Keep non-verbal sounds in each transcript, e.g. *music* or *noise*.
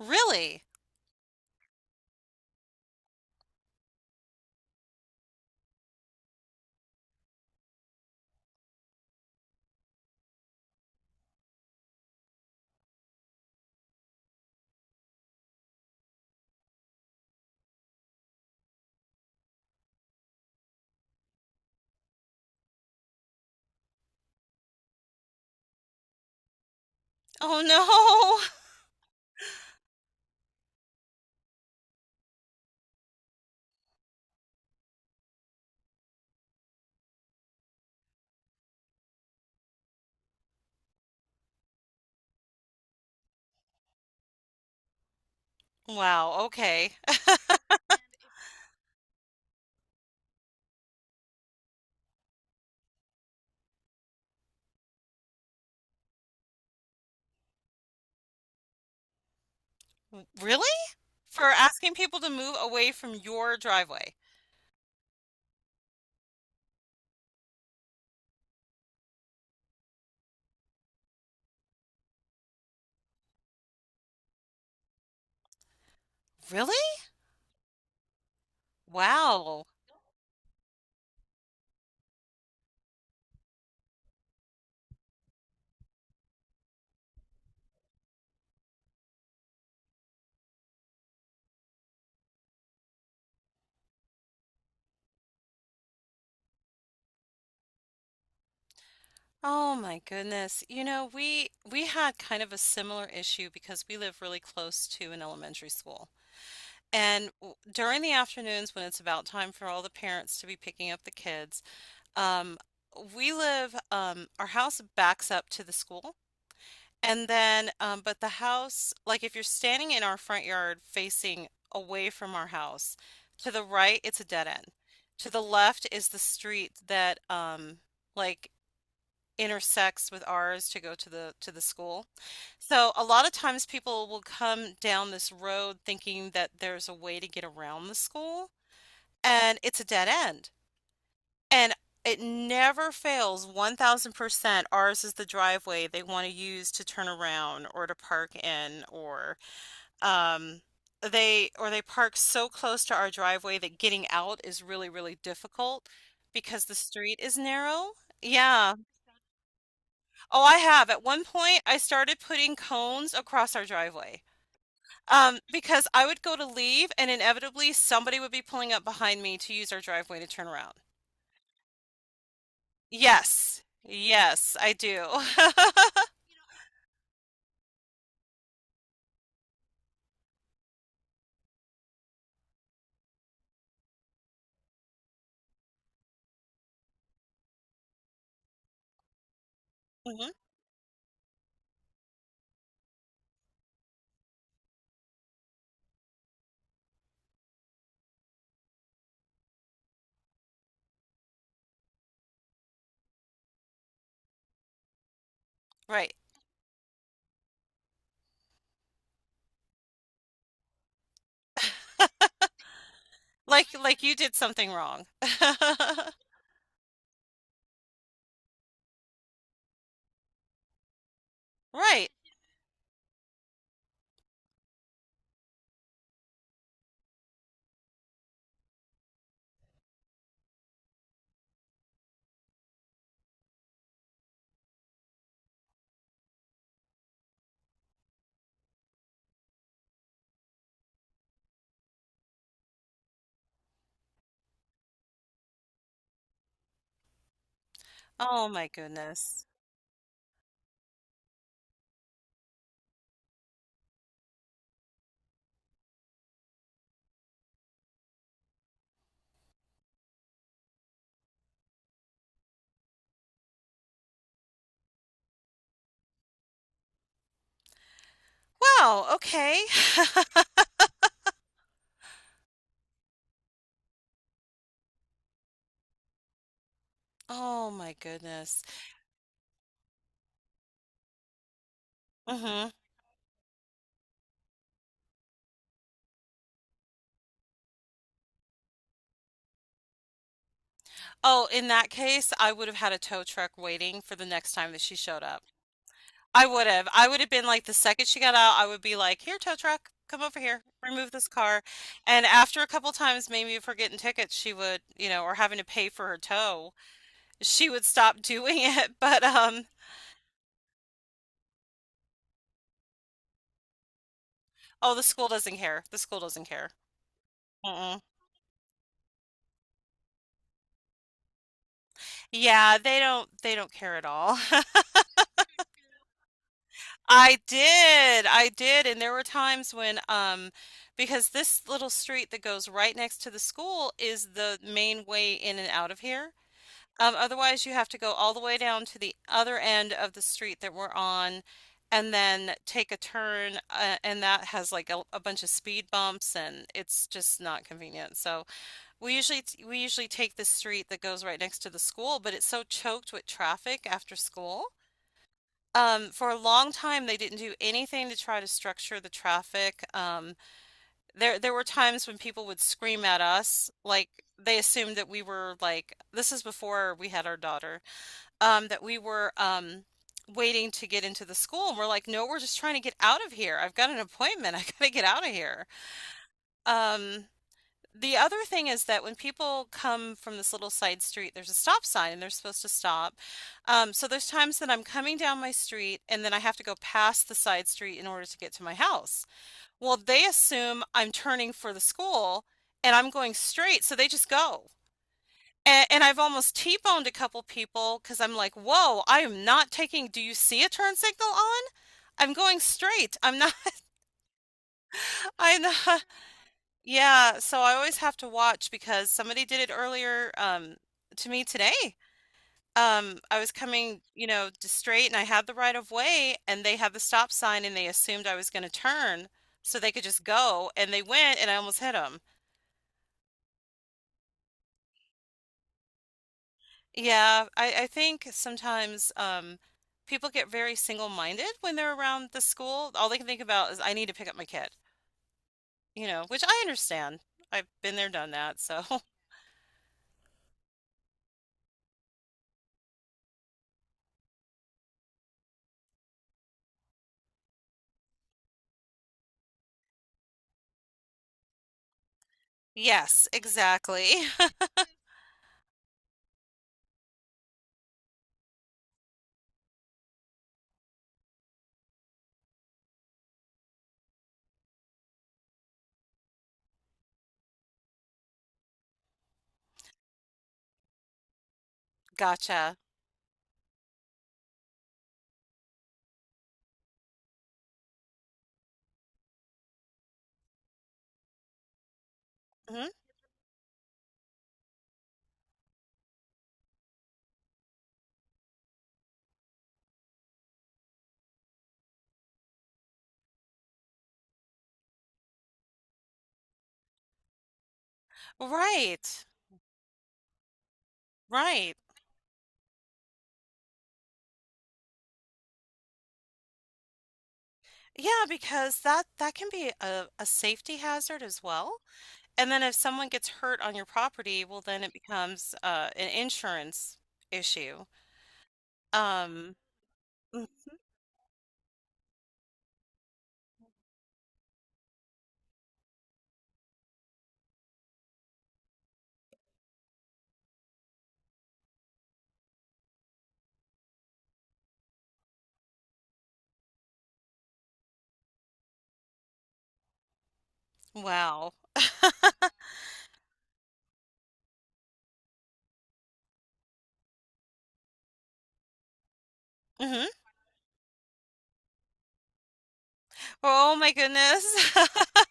Really? Oh no. *laughs* Wow, okay. Really? For asking people to move away from your driveway? Really? Wow. Oh my goodness. We had kind of a similar issue because we live really close to an elementary school. And during the afternoons when it's about time for all the parents to be picking up the kids, um, we live our house backs up to the school. And then, but the house, like if you're standing in our front yard facing away from our house, to the right, it's a dead end. To the left is the street that like intersects with ours to go to the school. So a lot of times people will come down this road thinking that there's a way to get around the school, and it's a dead end. And it never fails, 1,000% ours is the driveway they wanna use to turn around or to park in, um, or they park so close to our driveway that getting out is really, really difficult because the street is narrow. Yeah. Oh, I have. At one point, I started putting cones across our driveway, because I would go to leave and inevitably somebody would be pulling up behind me to use our driveway to turn around. Yes. Yes, I do. *laughs* Mhm. Right. Like you did something wrong. *laughs* Right. Oh my goodness. Wow, okay. *laughs* Oh my goodness. Mhm. Oh, in that case, I would have had a tow truck waiting for the next time that she showed up. I would have. I would have been like, the second she got out, I would be like, here, tow truck, come over here, remove this car. And after a couple times, maybe if we're getting tickets, she would, or having to pay for her tow, she would stop doing *laughs* it, but. Oh, the school doesn't care. The school doesn't care. Mm-mm. Yeah, they don't care at all. *laughs* I did. I did, and there were times when because this little street that goes right next to the school is the main way in and out of here. Otherwise you have to go all the way down to the other end of the street that we're on and then take a turn and that has like a bunch of speed bumps and it's just not convenient. So we usually take the street that goes right next to the school, but it's so choked with traffic after school. For a long time, they didn't do anything to try to structure the traffic. There were times when people would scream at us, like they assumed that we were like, this is before we had our daughter, that we were waiting to get into the school, and we're like, no, we're just trying to get out of here. I've got an appointment. *laughs* I gotta get out of here. Um, the other thing is that when people come from this little side street, there's a stop sign and they're supposed to stop. So there's times that I'm coming down my street and then I have to go past the side street in order to get to my house. Well, they assume I'm turning for the school and I'm going straight, so they just go. And I've almost T-boned a couple people because I'm like, whoa, I am not taking, do you see a turn signal on? I'm going straight. I'm not, *laughs* I'm not, Yeah, so I always have to watch because somebody did it earlier, to me today. I was coming, you know, just straight and I had the right of way and they had the stop sign and they assumed I was gonna turn so they could just go and they went and I almost hit them. Yeah, I think sometimes, people get very single-minded when they're around the school. All they can think about is, "I need to pick up my kid," you know, which I understand. I've been there, done that, so *laughs* Yes, exactly. *laughs* Gotcha. Mhm. Right, right. Yeah, because that that can be a safety hazard as well. And then if someone gets hurt on your property, well, then it becomes an insurance issue. Um, mhm. Wow. Hmm. Oh my goodness. *laughs*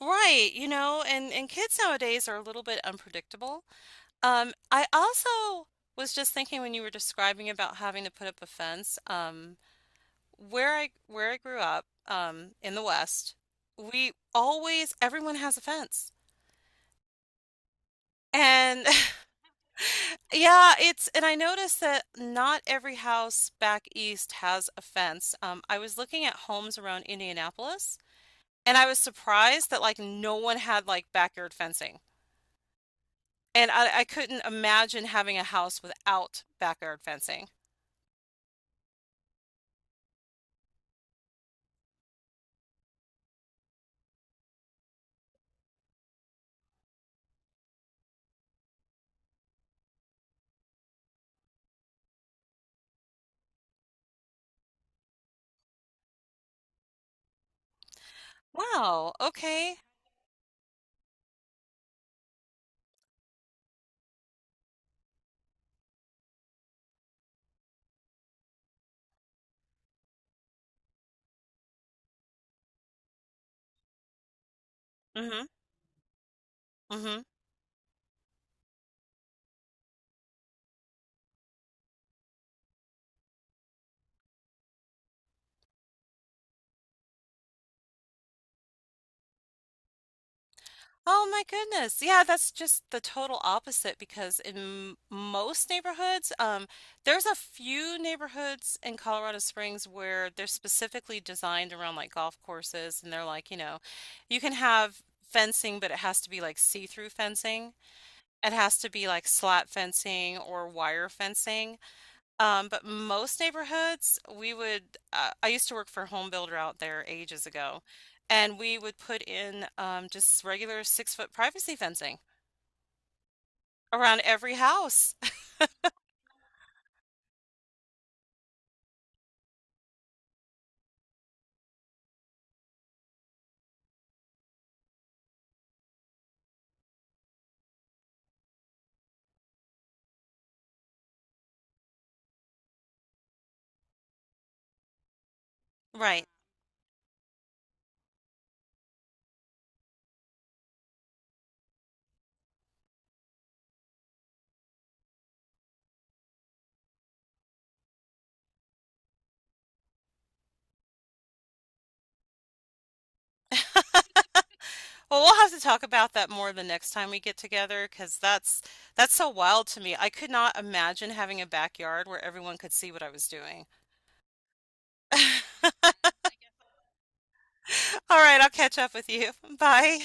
Right, you know, and kids nowadays are a little bit unpredictable. I also was just thinking when you were describing about having to put up a fence, where I grew up, in the West, we always everyone has a fence. And *laughs* yeah, it's, and I noticed that not every house back east has a fence. I was looking at homes around Indianapolis, and I was surprised that like no one had like backyard fencing. And I couldn't imagine having a house without backyard fencing. Wow, okay. Mhm, mhm. Oh my goodness. Yeah, that's just the total opposite because most neighborhoods, there's a few neighborhoods in Colorado Springs where they're specifically designed around like golf courses and they're like, you know, you can have fencing, but it has to be like see-through fencing. It has to be like slat fencing or wire fencing. But most neighborhoods, we would. I used to work for a home builder out there ages ago, and we would put in just regular 6 foot privacy fencing around every house. *laughs* Right. Well, we'll have to talk about that more the next time we get together, because that's so wild to me. I could not imagine having a backyard where everyone could see what I was doing. *laughs* All right, I'll catch up with you. *laughs* Bye.